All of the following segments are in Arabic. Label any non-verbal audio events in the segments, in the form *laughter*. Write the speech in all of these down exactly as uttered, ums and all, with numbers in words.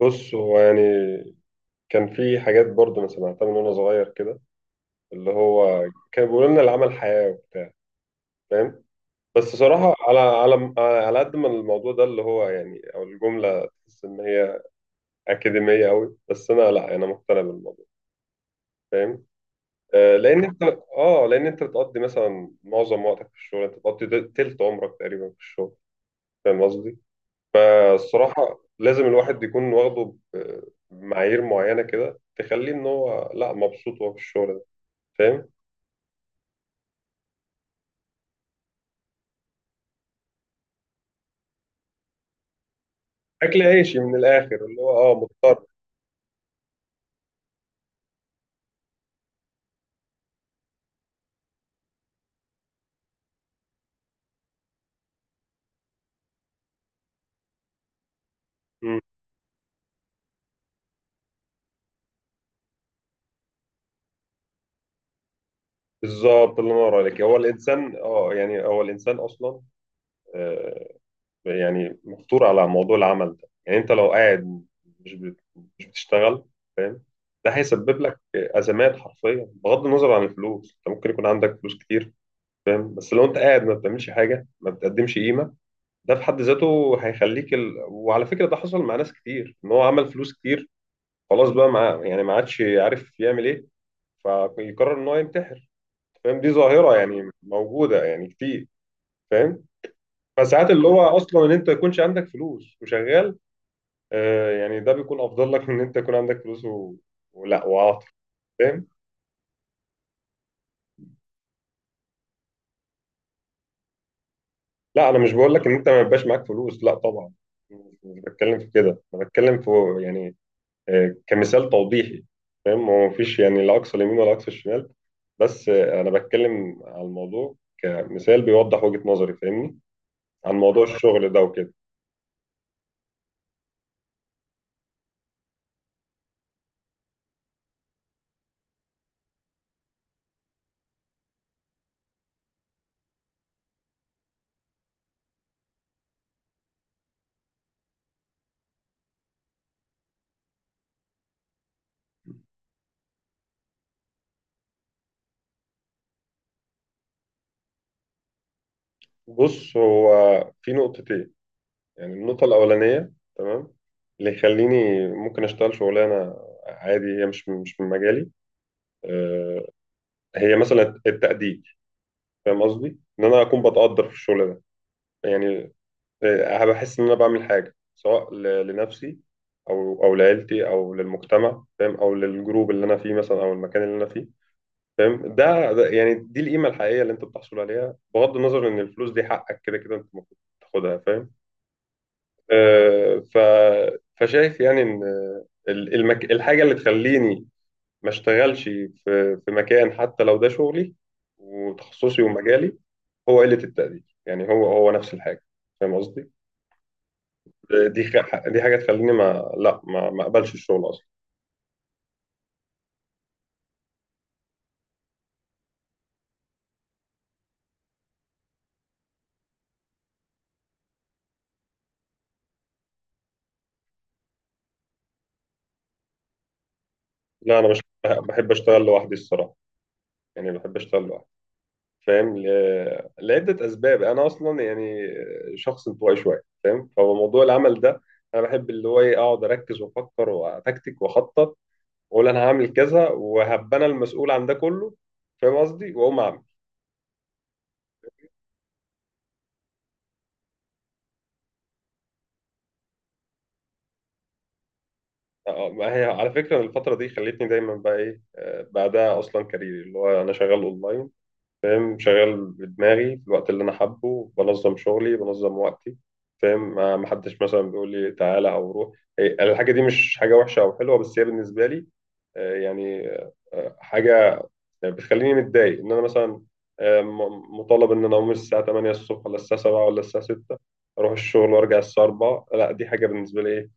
بص هو يعني كان في حاجات برضه انا سمعتها من وانا صغير كده اللي هو كان بيقولوا لنا العمل حياة وبتاع. فاهم؟ بس صراحة على على على قد ما الموضوع ده اللي هو يعني او الجملة تحس ان هي اكاديمية قوي، بس انا لا، انا مقتنع بالموضوع. فاهم؟ آه، لان انت، اه لان انت بتقضي مثلا معظم وقتك في الشغل، انت بتقضي تلت عمرك تقريبا في الشغل. فاهم قصدي؟ فالصراحة لازم الواحد يكون واخده ب- بمعايير معينة كده تخليه إن هو لأ، مبسوط وهو في الشغل ده. فاهم؟ أكل عيشي من الآخر، اللي هو أه مضطر. مم. بالظبط، اللي نور عليك، هو الإنسان أه يعني هو الإنسان أصلا آه، يعني مفطور على موضوع العمل ده. يعني أنت لو قاعد مش بت- مش بتشتغل، فاهم؟ ده هيسبب لك أزمات حرفيا بغض النظر عن الفلوس. أنت ممكن يكون عندك فلوس كتير، فاهم؟ بس لو أنت قاعد ما بتعملش حاجة، ما بتقدمش قيمة، ده في حد ذاته هيخليك ال... وعلى فكرة ده حصل مع ناس كتير، ان هو عمل فلوس كتير، خلاص بقى مع... يعني ما عادش عارف يعمل ايه، فيقرر ان هو ينتحر. فاهم؟ دي ظاهرة يعني موجودة يعني كتير. فاهم؟ فساعات اللي هو اصلا ان انت ما يكونش عندك فلوس وشغال، آه يعني ده بيكون افضل لك من ان انت يكون عندك فلوس و... ولا وعاطل. فاهم؟ لا انا مش بقول لك ان انت ما يبقاش معاك فلوس، لا طبعا، مش بتكلم في كده. انا بتكلم في يعني آه، كمثال توضيحي. فاهم؟ هو مفيش يعني لا اقصى اليمين ولا اقصى الشمال، بس آه، انا بتكلم على الموضوع كمثال بيوضح وجهة نظري، فاهمني؟ عن موضوع الشغل ده وكده. بص، هو في نقطتين، يعني النقطة الأولانية، تمام، اللي يخليني ممكن أشتغل شغلانة عادي هي مش مش من مجالي، آه، هي مثلا التقدير. فاهم قصدي؟ إن أنا أكون بتقدر في الشغل ده يعني، آه، بحس ان انا بعمل حاجه سواء ل- لنفسي او او لعيلتي او للمجتمع، فاهم، او للجروب اللي انا فيه مثلا او المكان اللي انا فيه. فاهم؟ ده, ده يعني دي القيمه الحقيقيه اللي انت بتحصل عليها، بغض النظر ان الفلوس دي حقك كده كده انت المفروض تاخدها. فاهم؟ آه، ف فشايف يعني ان ال- المك... الحاجه اللي تخليني ما اشتغلش في في مكان حتى لو ده شغلي وتخصصي ومجالي، هو قله التقدير. يعني هو هو نفس الحاجه. فاهم قصدي؟ دي خ- دي حاجه تخليني ما لا ما ما اقبلش الشغل اصلا. لا انا مش بحب اشتغل لوحدي الصراحه، يعني بحب اشتغل لوحدي. فاهم؟ ل... لعده اسباب، انا اصلا يعني شخص انطوائي شويه. فاهم؟ فموضوع العمل ده انا بحب اللي هو ايه، اقعد اركز وافكر واتكتك واخطط واقول انا هعمل كذا وهبقى انا المسؤول عن ده كله. فاهم قصدي؟ واقوم اعمل. آه، آه، ما هي على فكره الفتره دي خلتني دايما بقى ايه آه، بعدها اصلا كاريري اللي هو انا شغال اونلاين. فاهم؟ شغال بدماغي في الوقت اللي انا حابه، بنظم شغلي بنظم وقتي. فاهم؟ ما ما حدش مثلا بيقول لي تعالى او روح. هي الحاجه دي مش حاجه وحشه او حلوه، بس هي بالنسبه لي آه، يعني آه، حاجه بتخليني متضايق، ان انا مثلا آه، م- مطالب ان انا اقوم الساعه تمانية الصبح ولا الساعه سبعة ولا الساعه ستة اروح الشغل وارجع الساعه أربعة. لا دي حاجه بالنسبه لي ايه،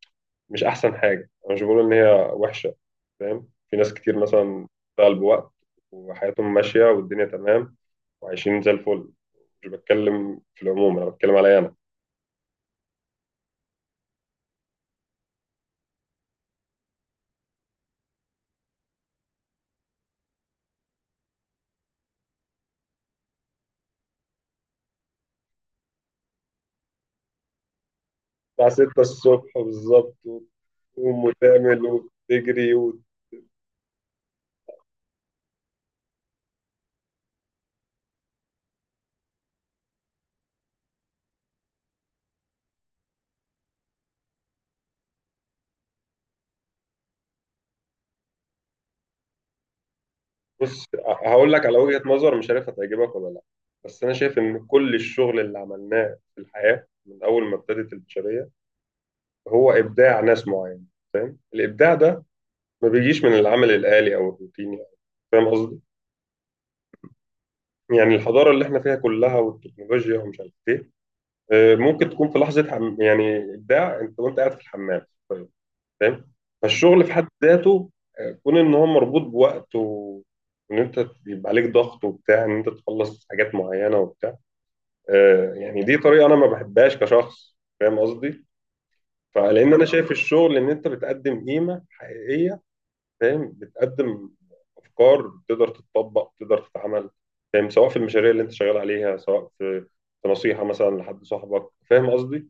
مش احسن حاجه. انا مش بقول ان هي وحشه، فاهم؟ في ناس كتير مثلا بتشتغل بوقت وحياتهم ماشيه والدنيا تمام وعايشين زي الفل. مش بتكلم في العموم، انا بتكلم عليا انا. الساعه ستة الصبح بالظبط وتقوم وتعمل وتجري وت- بص، هقول لك على وجهة نظر مش عارف هتعجبك ولا لا، بس انا شايف ان كل الشغل اللي عملناه في الحياة من اول ما ابتدت البشرية هو ابداع ناس معينة. فاهم؟ الابداع ده ما بيجيش من العمل الآلي او الروتيني. فاهم قصدي؟ يعني الحضارة اللي احنا فيها كلها والتكنولوجيا ومش عارف ايه، آه، ممكن تكون في لحظة حم... يعني ابداع انت وانت قاعد في الحمام. طيب. فاهم؟ فالشغل في حد ذاته، آه، كون ان هو مربوط بوقت و- وان انت بيبقى عليك ضغط وبتاع، ان انت تخلص حاجات معينه وبتاع، آه، يعني دي طريقه انا ما بحبهاش كشخص. فاهم قصدي؟ فلان انا شايف الشغل ان انت بتقدم قيمه حقيقيه، فاهم، بتقدم افكار تقدر تتطبق تقدر تتعمل. فاهم؟ سواء في المشاريع اللي انت شغال عليها، سواء في في نصيحه مثلا لحد صاحبك. فاهم قصدي؟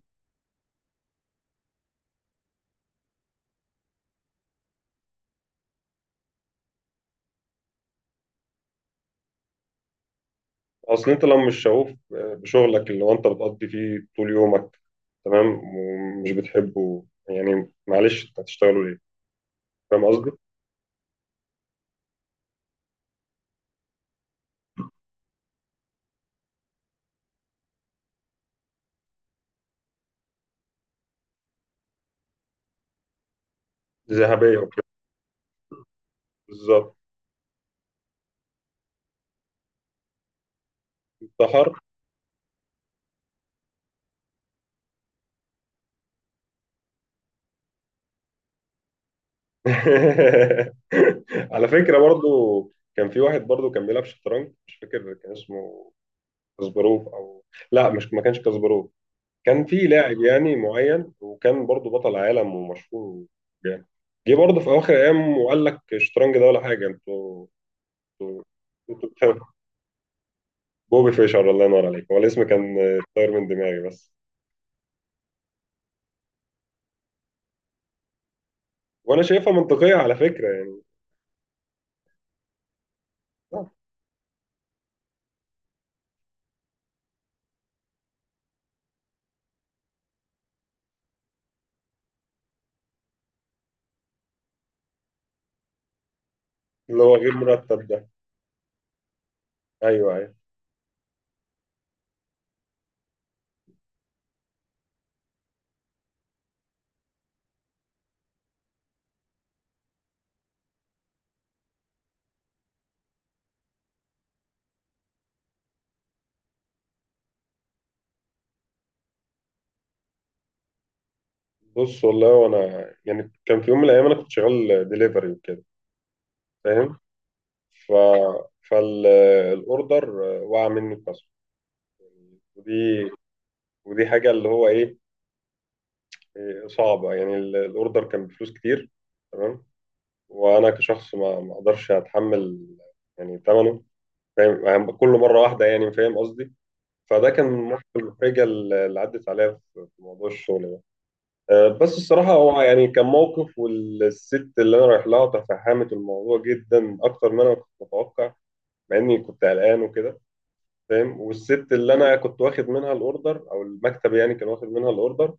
اصل انت لو مش شغوف آه، بشغلك اللي هو انت بتقضي فيه طول يومك، تمام، ومش بتحبه، يعني معلش انت هتشتغله ليه؟ فاهم قصدي؟ ذهبية وكده. بالظبط. انت حر. *laughs* على فكرة برضو كان في واحد برضو كان بيلعب شطرنج، مش فاكر كان اسمه كاسباروف او، لا مش ما كانش كاسباروف، كان في لاعب يعني معين وكان برضو بطل عالم ومشهور. يعني جه برضه في اواخر ايام وقال لك الشطرنج ده ولا حاجه، انتوا انتوا *laughs* بتحب. بوبي فيشر، الله ينور عليك، هو الاسم كان طاير من دماغي بس. وانا شايفها منطقيه على فكره يعني. آه، اللي هو غير مرتب ده. ايوه ايوه. بص والله، وانا يعني كان في يوم من الايام انا كنت شغال ديليفري وكده. فاهم؟ ف فالاوردر وقع مني الكسر، ودي ودي حاجه اللي هو ايه، إيه، صعبه. يعني الاوردر كان بفلوس كتير، تمام، وانا كشخص ما ما اقدرش اتحمل يعني ثمنه. فاهم؟ يعني كل مره واحده يعني. فاهم قصدي؟ فده كان من المواقف المحرجة اللي عدت عليا في في موضوع الشغل ده. آه، بس الصراحة هو يعني كان موقف، والست اللي أنا رايح لها تفهمت الموضوع جدا أكتر ما أنا كنت متوقع، مع إني كنت قلقان وكده. فاهم؟ والست اللي أنا كنت واخد منها الأوردر، أو المكتب يعني كان واخد منها الأوردر،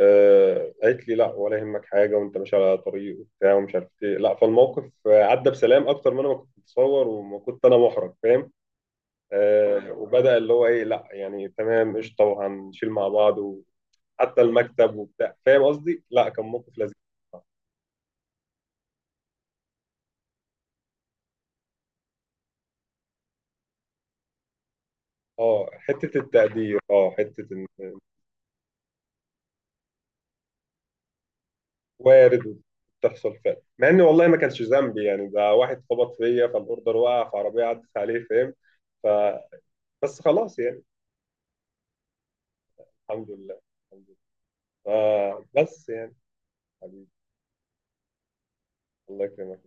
آه، قالت لي لا ولا يهمك حاجة، وأنت ماشي على طريق وبتاع ومش عارف إيه، لا فالموقف آه، عدى بسلام أكتر ما أنا ما كنت متصور وما كنت أنا محرج. فاهم؟ آه، وبدأ اللي هو ايه، لا يعني تمام قشطه وهنشيل مع بعض وحتى المكتب وبتاع. فاهم قصدي؟ لا كان موقف لذيذ. اه حته التقدير، اه حته ان وارد، وبتحصل فعلا. مع ان والله ما كانش ذنبي، يعني ده واحد خبط فيا فالاوردر وقع، فعربيه عدت عليه. فاهم؟ ف بس خلاص يعني. الحمد لله. الحمد لله. آه بس يعني حبيبي، الله يكرمك.